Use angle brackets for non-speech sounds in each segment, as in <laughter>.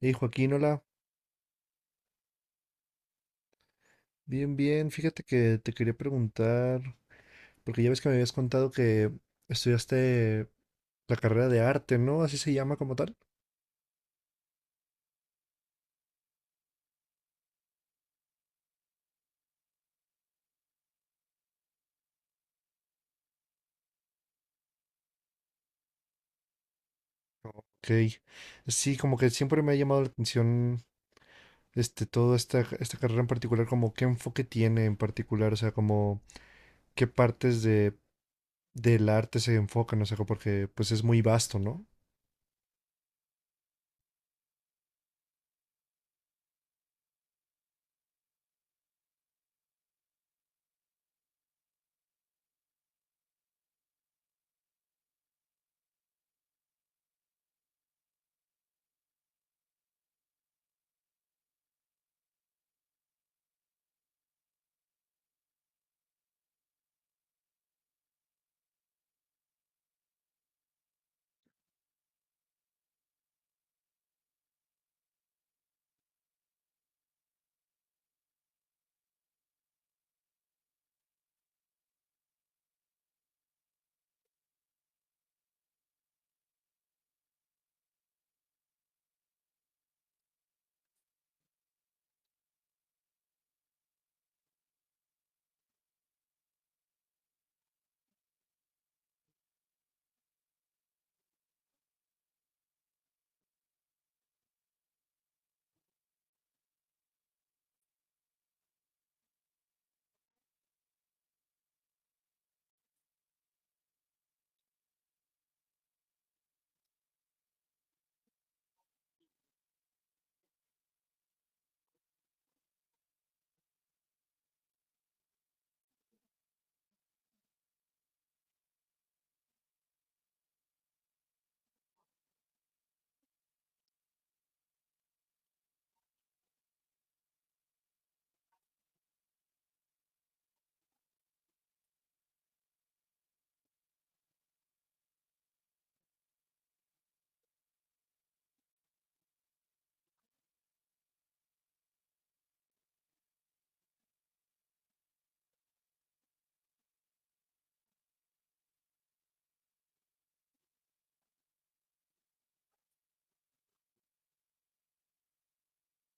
Hey Joaquín, hola, bien, bien, fíjate que te quería preguntar, porque ya ves que me habías contado que estudiaste la carrera de arte, ¿no? Así se llama como tal. Ok, sí, como que siempre me ha llamado la atención este, toda esta carrera en particular, como qué enfoque tiene en particular, o sea, como qué partes de, del arte se enfocan, o sea, porque pues es muy vasto, ¿no?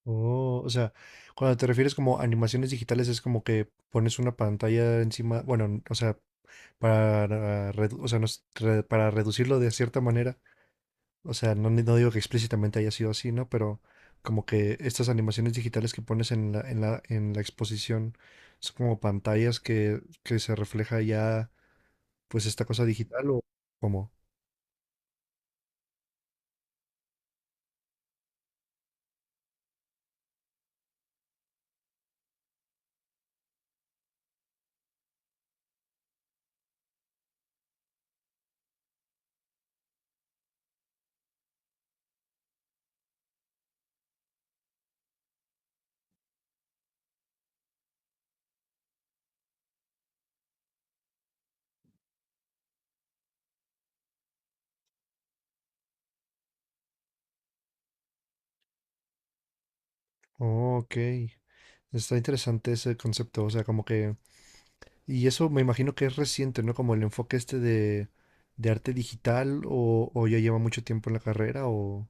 Oh, o sea, cuando te refieres como animaciones digitales es como que pones una pantalla encima, bueno, o sea, para, o sea, para reducirlo de cierta manera. O sea, no, no digo que explícitamente haya sido así, ¿no? Pero como que estas animaciones digitales que pones en la exposición son como pantallas que se refleja ya, pues, esta cosa digital o como. Oh, ok. Está interesante ese concepto. O sea, como que. Y eso me imagino que es reciente, ¿no? Como el enfoque este de arte digital o ya lleva mucho tiempo en la carrera o...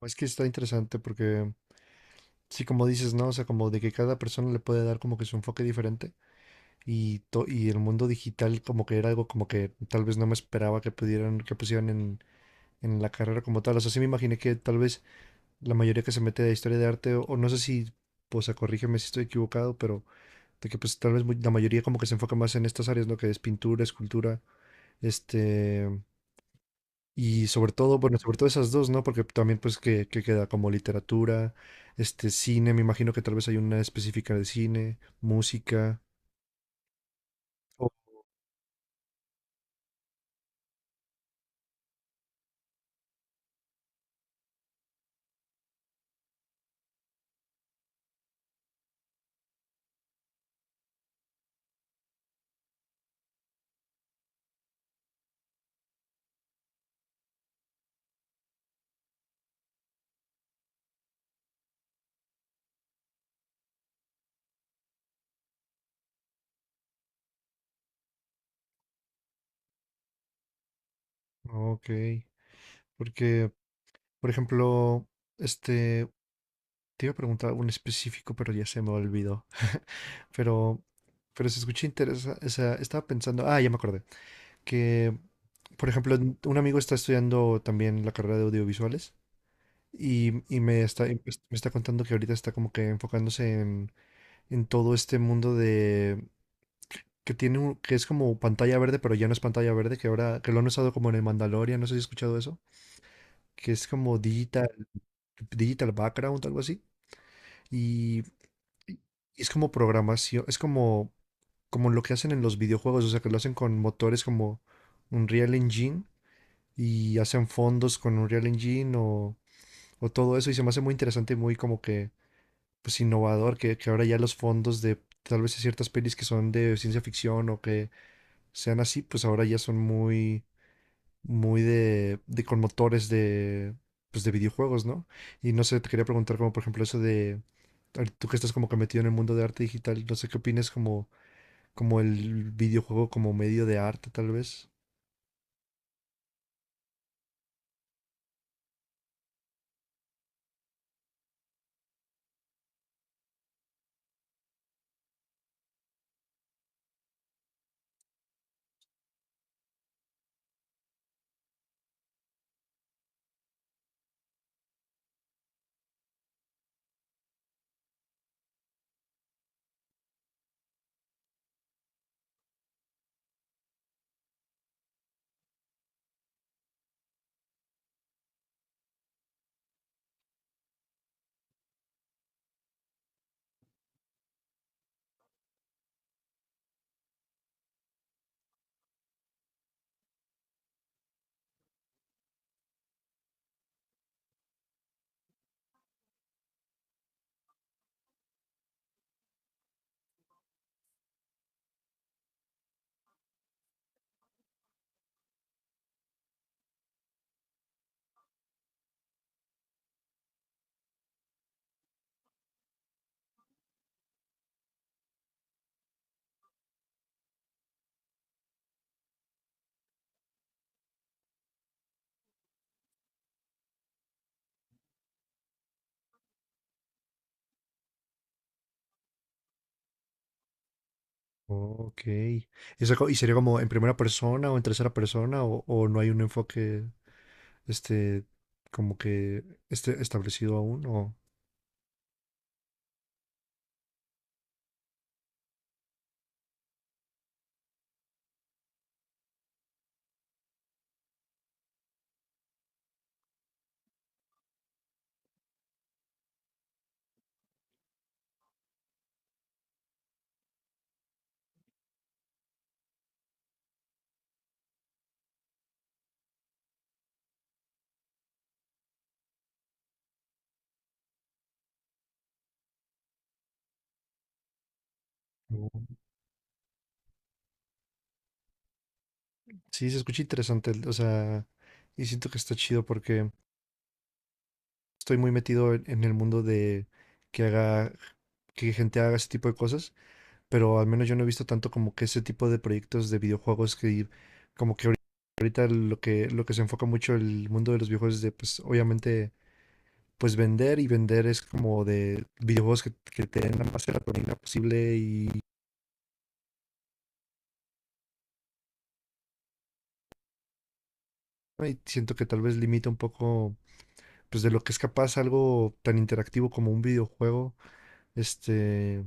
Es que está interesante porque sí, como dices, ¿no? O sea, como de que cada persona le puede dar como que su enfoque diferente y, y el mundo digital como que era algo como que tal vez no me esperaba que pudieran, que pusieran en la carrera como tal. O sea, sí me imaginé que tal vez la mayoría que se mete a historia de arte o no sé si, pues, o sea, corrígeme si estoy equivocado, pero de que pues tal vez la mayoría como que se enfoca más en estas áreas, ¿no? Que es pintura, escultura, este, y sobre todo, bueno, sobre todo esas dos, ¿no? Porque también pues que queda como literatura, este cine, me imagino que tal vez hay una específica de cine, música. Oh, ok. Porque, por ejemplo, este, te iba a preguntar un específico, pero ya se me olvidó. <laughs> Pero, pero se escucha interesante. O sea, estaba pensando, ah, ya me acordé, que, por ejemplo, un amigo está estudiando también la carrera de audiovisuales y me está, y pues, me está contando que ahorita está como que enfocándose en todo este mundo de que que es como pantalla verde, pero ya no es pantalla verde, que ahora que lo han usado como en el Mandalorian, no sé si has escuchado eso, que es como digital background, algo así. Y, y es como programación, es como como lo que hacen en los videojuegos, o sea, que lo hacen con motores como Unreal Engine y hacen fondos con Unreal Engine o todo eso y se me hace muy interesante y muy como que pues innovador, que ahora ya los fondos de tal vez ciertas pelis que son de ciencia ficción o que sean así, pues ahora ya son muy, muy de con motores de, pues de videojuegos, ¿no? Y no sé, te quería preguntar como por ejemplo eso de, ahorita tú que estás como que metido en el mundo de arte digital, no sé qué opinas como, como el videojuego como medio de arte tal vez. Ok. ¿Y sería como en primera persona o en tercera persona o no hay un enfoque este como que esté establecido aún o... Mm. Sí, se escucha interesante, o sea, y siento que está chido porque estoy muy metido en el mundo de que haga, que gente haga ese tipo de cosas, pero al menos yo no he visto tanto como que ese tipo de proyectos de videojuegos que como que ahorita, ahorita lo que se enfoca mucho el mundo de los videojuegos es de pues obviamente pues vender y vender es como de videojuegos que te den la más serotonina posible y siento que tal vez limita un poco pues de lo que es capaz algo tan interactivo como un videojuego este,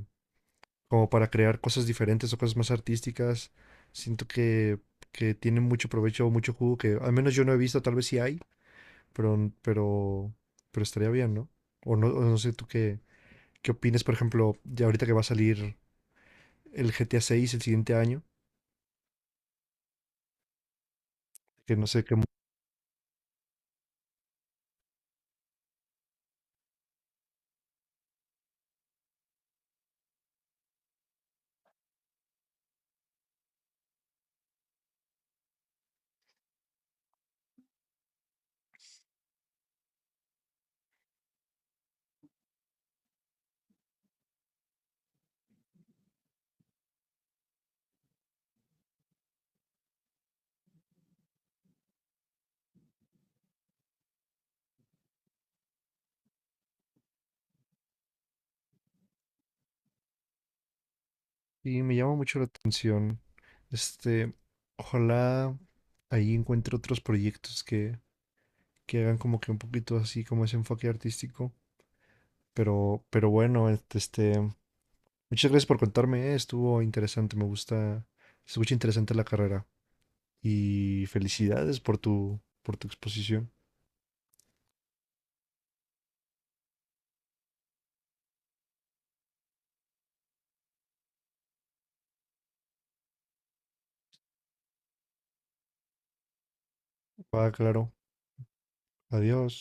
como para crear cosas diferentes o cosas más artísticas. Siento que tienen mucho provecho o mucho jugo que al menos yo no he visto, tal vez sí hay, pero, pero, pero estaría bien, ¿no? O no, o no sé tú qué, qué opinas, por ejemplo, ya ahorita que va a salir el GTA 6 el siguiente año, que no sé qué... mu- Y me llama mucho la atención. Este, ojalá ahí encuentre otros proyectos que hagan como que un poquito así como ese enfoque artístico. Pero bueno, este, muchas gracias por contarme, estuvo interesante, me gusta, se escucha interesante la carrera. Y felicidades por tu exposición. Va, claro. Adiós.